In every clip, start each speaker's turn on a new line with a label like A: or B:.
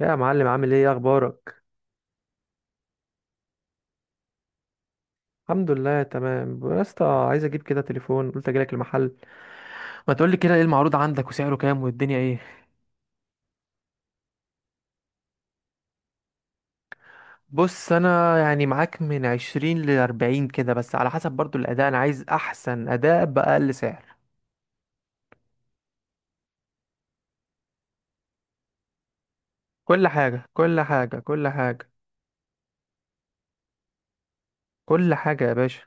A: يا معلم، عامل ايه؟ إيه اخبارك؟ الحمد لله تمام يا اسطى. عايز اجيب كده تليفون، قلت اجيلك المحل. ما تقولي كده، ايه المعروض عندك وسعره كام والدنيا ايه؟ بص انا يعني معاك من 20 لـ40 كده، بس على حسب برضو الاداء. انا عايز احسن اداء باقل سعر. كل حاجه، كل حاجه، كل حاجه. كل حاجه يا باشا.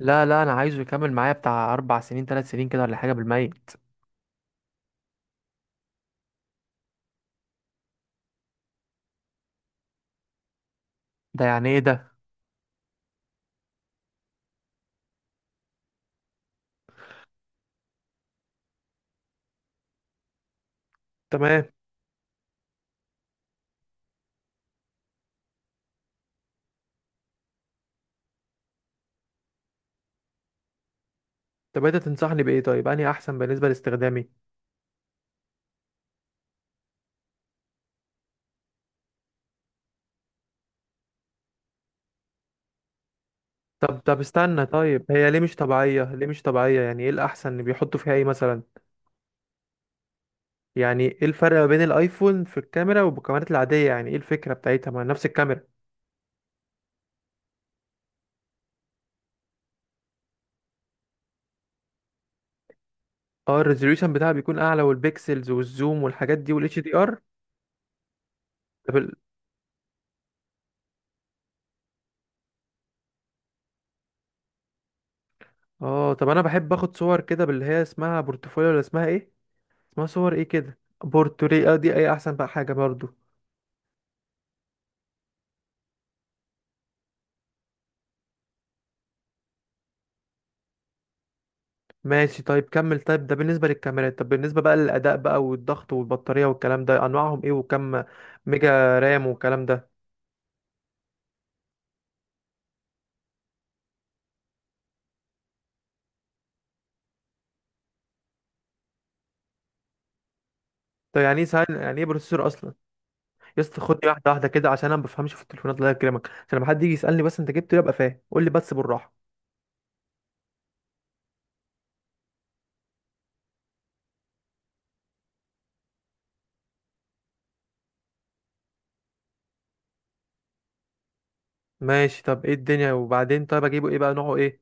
A: لا لا، انا عايزه يكمل معايا بتاع 4 سنين، 3 سنين كده، ولا حاجه بالميت. ده يعني ايه ده؟ تمام. طب انت تنصحني بايه طيب اني احسن بالنسبه لاستخدامي؟ طب استنى. طيب هي ليه مش طبيعية، ليه مش طبيعية؟ يعني ايه الأحسن اللي بيحطوا فيها ايه مثلا؟ يعني ايه الفرق ما بين الايفون في الكاميرا والكاميرات العادية؟ يعني ايه الفكرة بتاعتها؟ ما نفس الكاميرا. اه، الريزوليوشن بتاعها بيكون اعلى، والبيكسلز والزوم والحاجات دي والاتش دي ار. طب ال... اه، طب انا بحب اخد صور كده باللي هي اسمها بورتفوليو ولا اسمها ايه؟ اسمها صور ايه كده؟ بورتري، اه. دي اي احسن بقى حاجة برضو؟ ماشي، طيب كمل. طيب ده بالنسبة للكاميرات، طب بالنسبة بقى للأداء بقى والضغط والبطارية والكلام ده، أنواعهم إيه؟ وكم ميجا رام والكلام ده؟ طب يعني ايه سهل، يعني ايه بروسيسور اصلا؟ يا اسطى، خد لي واحده واحده كده، عشان انا ما بفهمش في التليفونات، الله يكرمك، عشان لما حد يجي يسالني بس انت جبته إيه، ابقى فاهم. قول لي بس بالراحه. ماشي. طب ايه الدنيا وبعدين؟ طيب اجيبه ايه بقى، نوعه ايه؟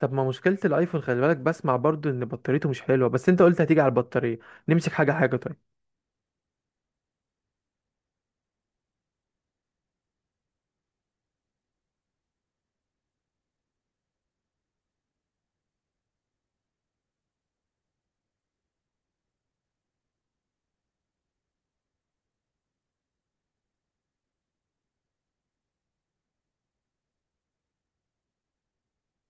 A: طب ما مشكله الايفون، خلي بالك، بسمع برضو ان بطاريته مش حلوه، بس انت قلت هتيجي على البطاريه. نمسك حاجه حاجه طيب.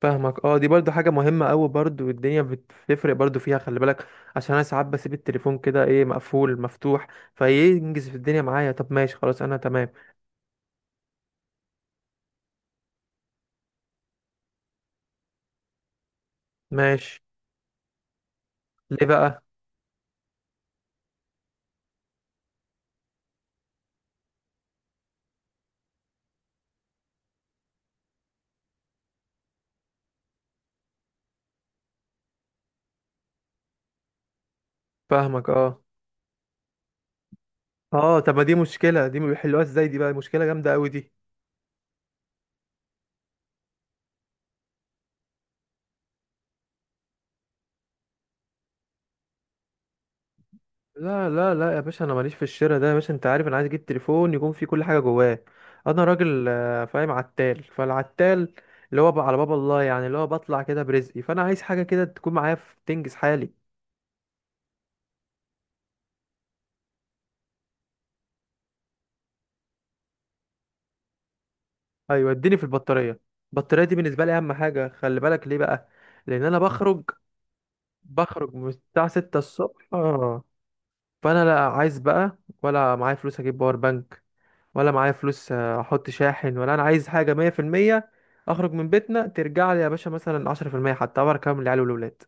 A: فاهمك، اه. دي برضو حاجه مهمه قوي برضو، والدنيا بتفرق برضو فيها، خلي بالك. عشان انا ساعات بسيب التليفون كده ايه، مقفول مفتوح، فينجز في الدنيا معايا. طب ماشي، خلاص انا تمام. ماشي. ليه بقى؟ فاهمك اه. اه، طب ما دي مشكلة، دي ما بيحلوها ازاي؟ دي بقى مشكلة جامدة قوي دي. لا لا لا يا باشا، انا ماليش في الشراء ده يا باشا. انت عارف انا عايز اجيب تليفون يكون فيه كل حاجة جواه. انا راجل، فاهم، عتال فالعتال، اللي هو بقى على باب الله، يعني اللي هو بطلع كده برزقي، فانا عايز حاجة كده تكون معايا تنجز حالي. ايوه، اديني في البطارية. البطارية دي بالنسبة لي اهم حاجة، خلي بالك. ليه بقى؟ لان انا بخرج. بخرج من الساعة 6 الصبح. فانا لا عايز بقى ولا معايا فلوس اجيب باور بانك، ولا معايا فلوس احط شاحن. ولا انا عايز حاجه 100%. اخرج من بيتنا، ترجع لي يا باشا مثلا 10%، حتى اعرف اكمل العيال والولاد.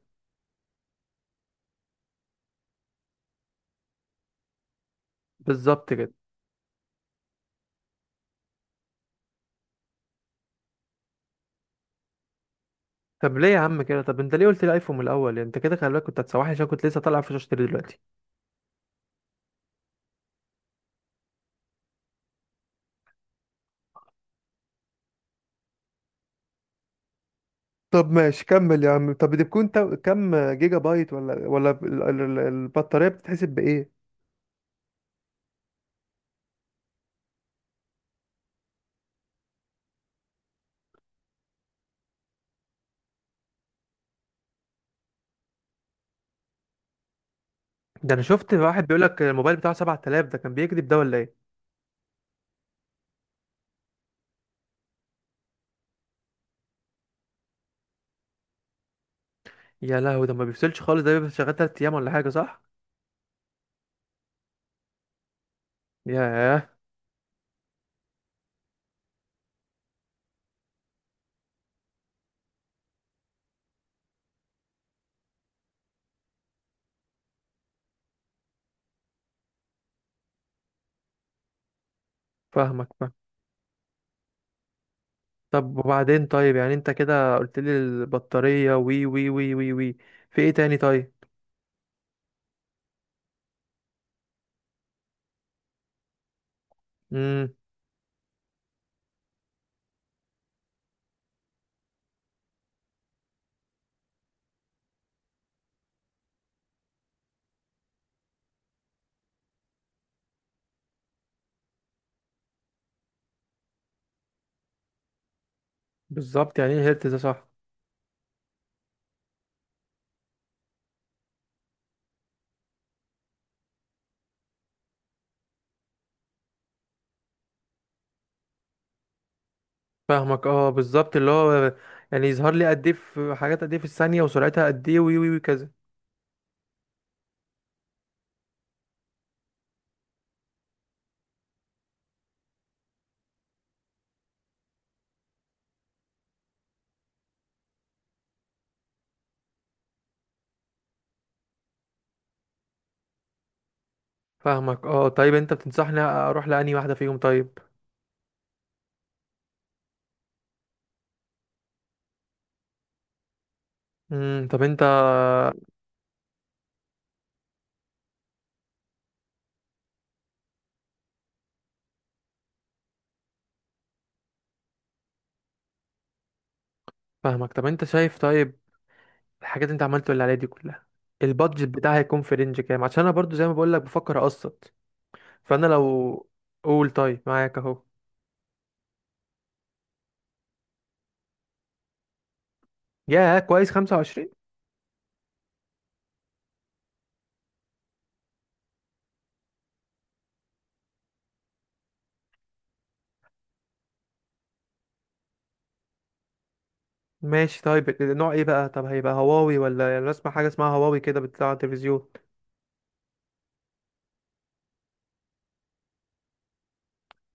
A: بالظبط كده. طب ليه يا عم كده؟ طب انت ليه قلت لي ايفون من الاول؟ يعني انت كده خلي بالك كنت هتسوحني، عشان كنت لسه طالع في اشتري دلوقتي. طب ماشي، كمل يا عم. طب دي بتكون كام جيجا بايت ولا البطارية بتتحسب بإيه؟ ده انا شفت واحد بيقول لك الموبايل بتاعه 7000، ده كان بيكذب ده ولا ايه؟ يا لهوي، ده ما بيفصلش خالص، ده بيبقى شغال 3 ايام ولا حاجه، صح؟ ياه. فاهمك، فاهم. طب وبعدين طيب، يعني انت كده قلت لي البطارية، وي وي وي وي وي، في ايه تاني طيب؟ امم بالظبط. يعني ايه هرتز ده، صح؟ فاهمك اه، بالظبط اللي هو، يعني يظهر لي قد ايه في حاجات، قد ايه في الثانية، وسرعتها قد ايه، وي وي وي كذا. فاهمك اه. طيب انت بتنصحني اروح لأني واحدة فيهم طيب؟ طب انت؟ فاهمك. طب انت شايف طيب الحاجات اللي انت عملت اللي عليها دي كلها، البادجت بتاعي هيكون في رينج كام؟ عشان انا برضو زي ما بقول لك بفكر اقسط. فانا لو، قول طيب، معاك اهو. يا كويس، 25. ماشي، طيب نوع ايه بقى؟ طب هيبقى هواوي ولا، يعني أنا اسمع حاجه اسمها هواوي كده بتطلع على التلفزيون؟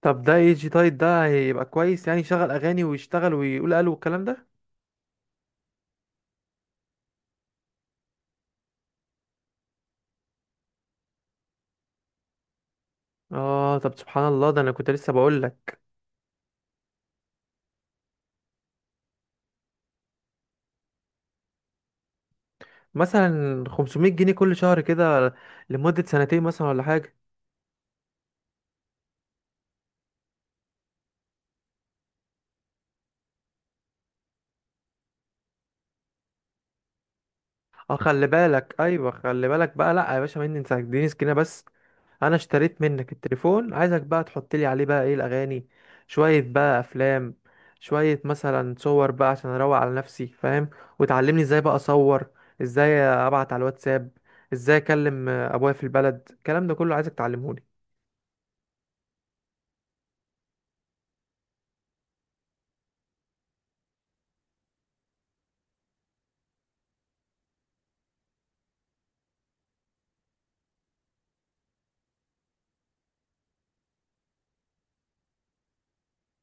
A: طب ده اي جي تايب، ده هيبقى كويس؟ يعني يشغل اغاني ويشتغل ويقول الو والكلام ده؟ اه، طب سبحان الله، ده انا كنت لسه بقول لك. مثلا 500 جنيه كل شهر كده، لمده سنتين مثلا، ولا حاجه. اه، خلي بالك، ايوه، خلي بالك بقى. لا يا باشا، مني انت، اديني سكينه بس. انا اشتريت منك التليفون، عايزك بقى تحط لي عليه بقى ايه، الاغاني، شويه بقى افلام، شويه مثلا صور بقى، عشان اروق على نفسي فاهم. وتعلمني ازاي بقى اصور، ازاي ابعت على الواتساب، ازاي اكلم ابويا في البلد. الكلام ده كله عايزك تعلمهولي.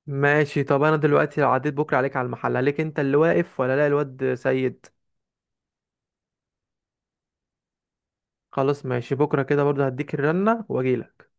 A: ماشي. طب انا دلوقتي لو عديت بكره عليك على المحل، عليك انت اللي واقف ولا لا، الواد سيد؟ خلاص ماشي، بكره كده برضه هديك الرنه واجيلك.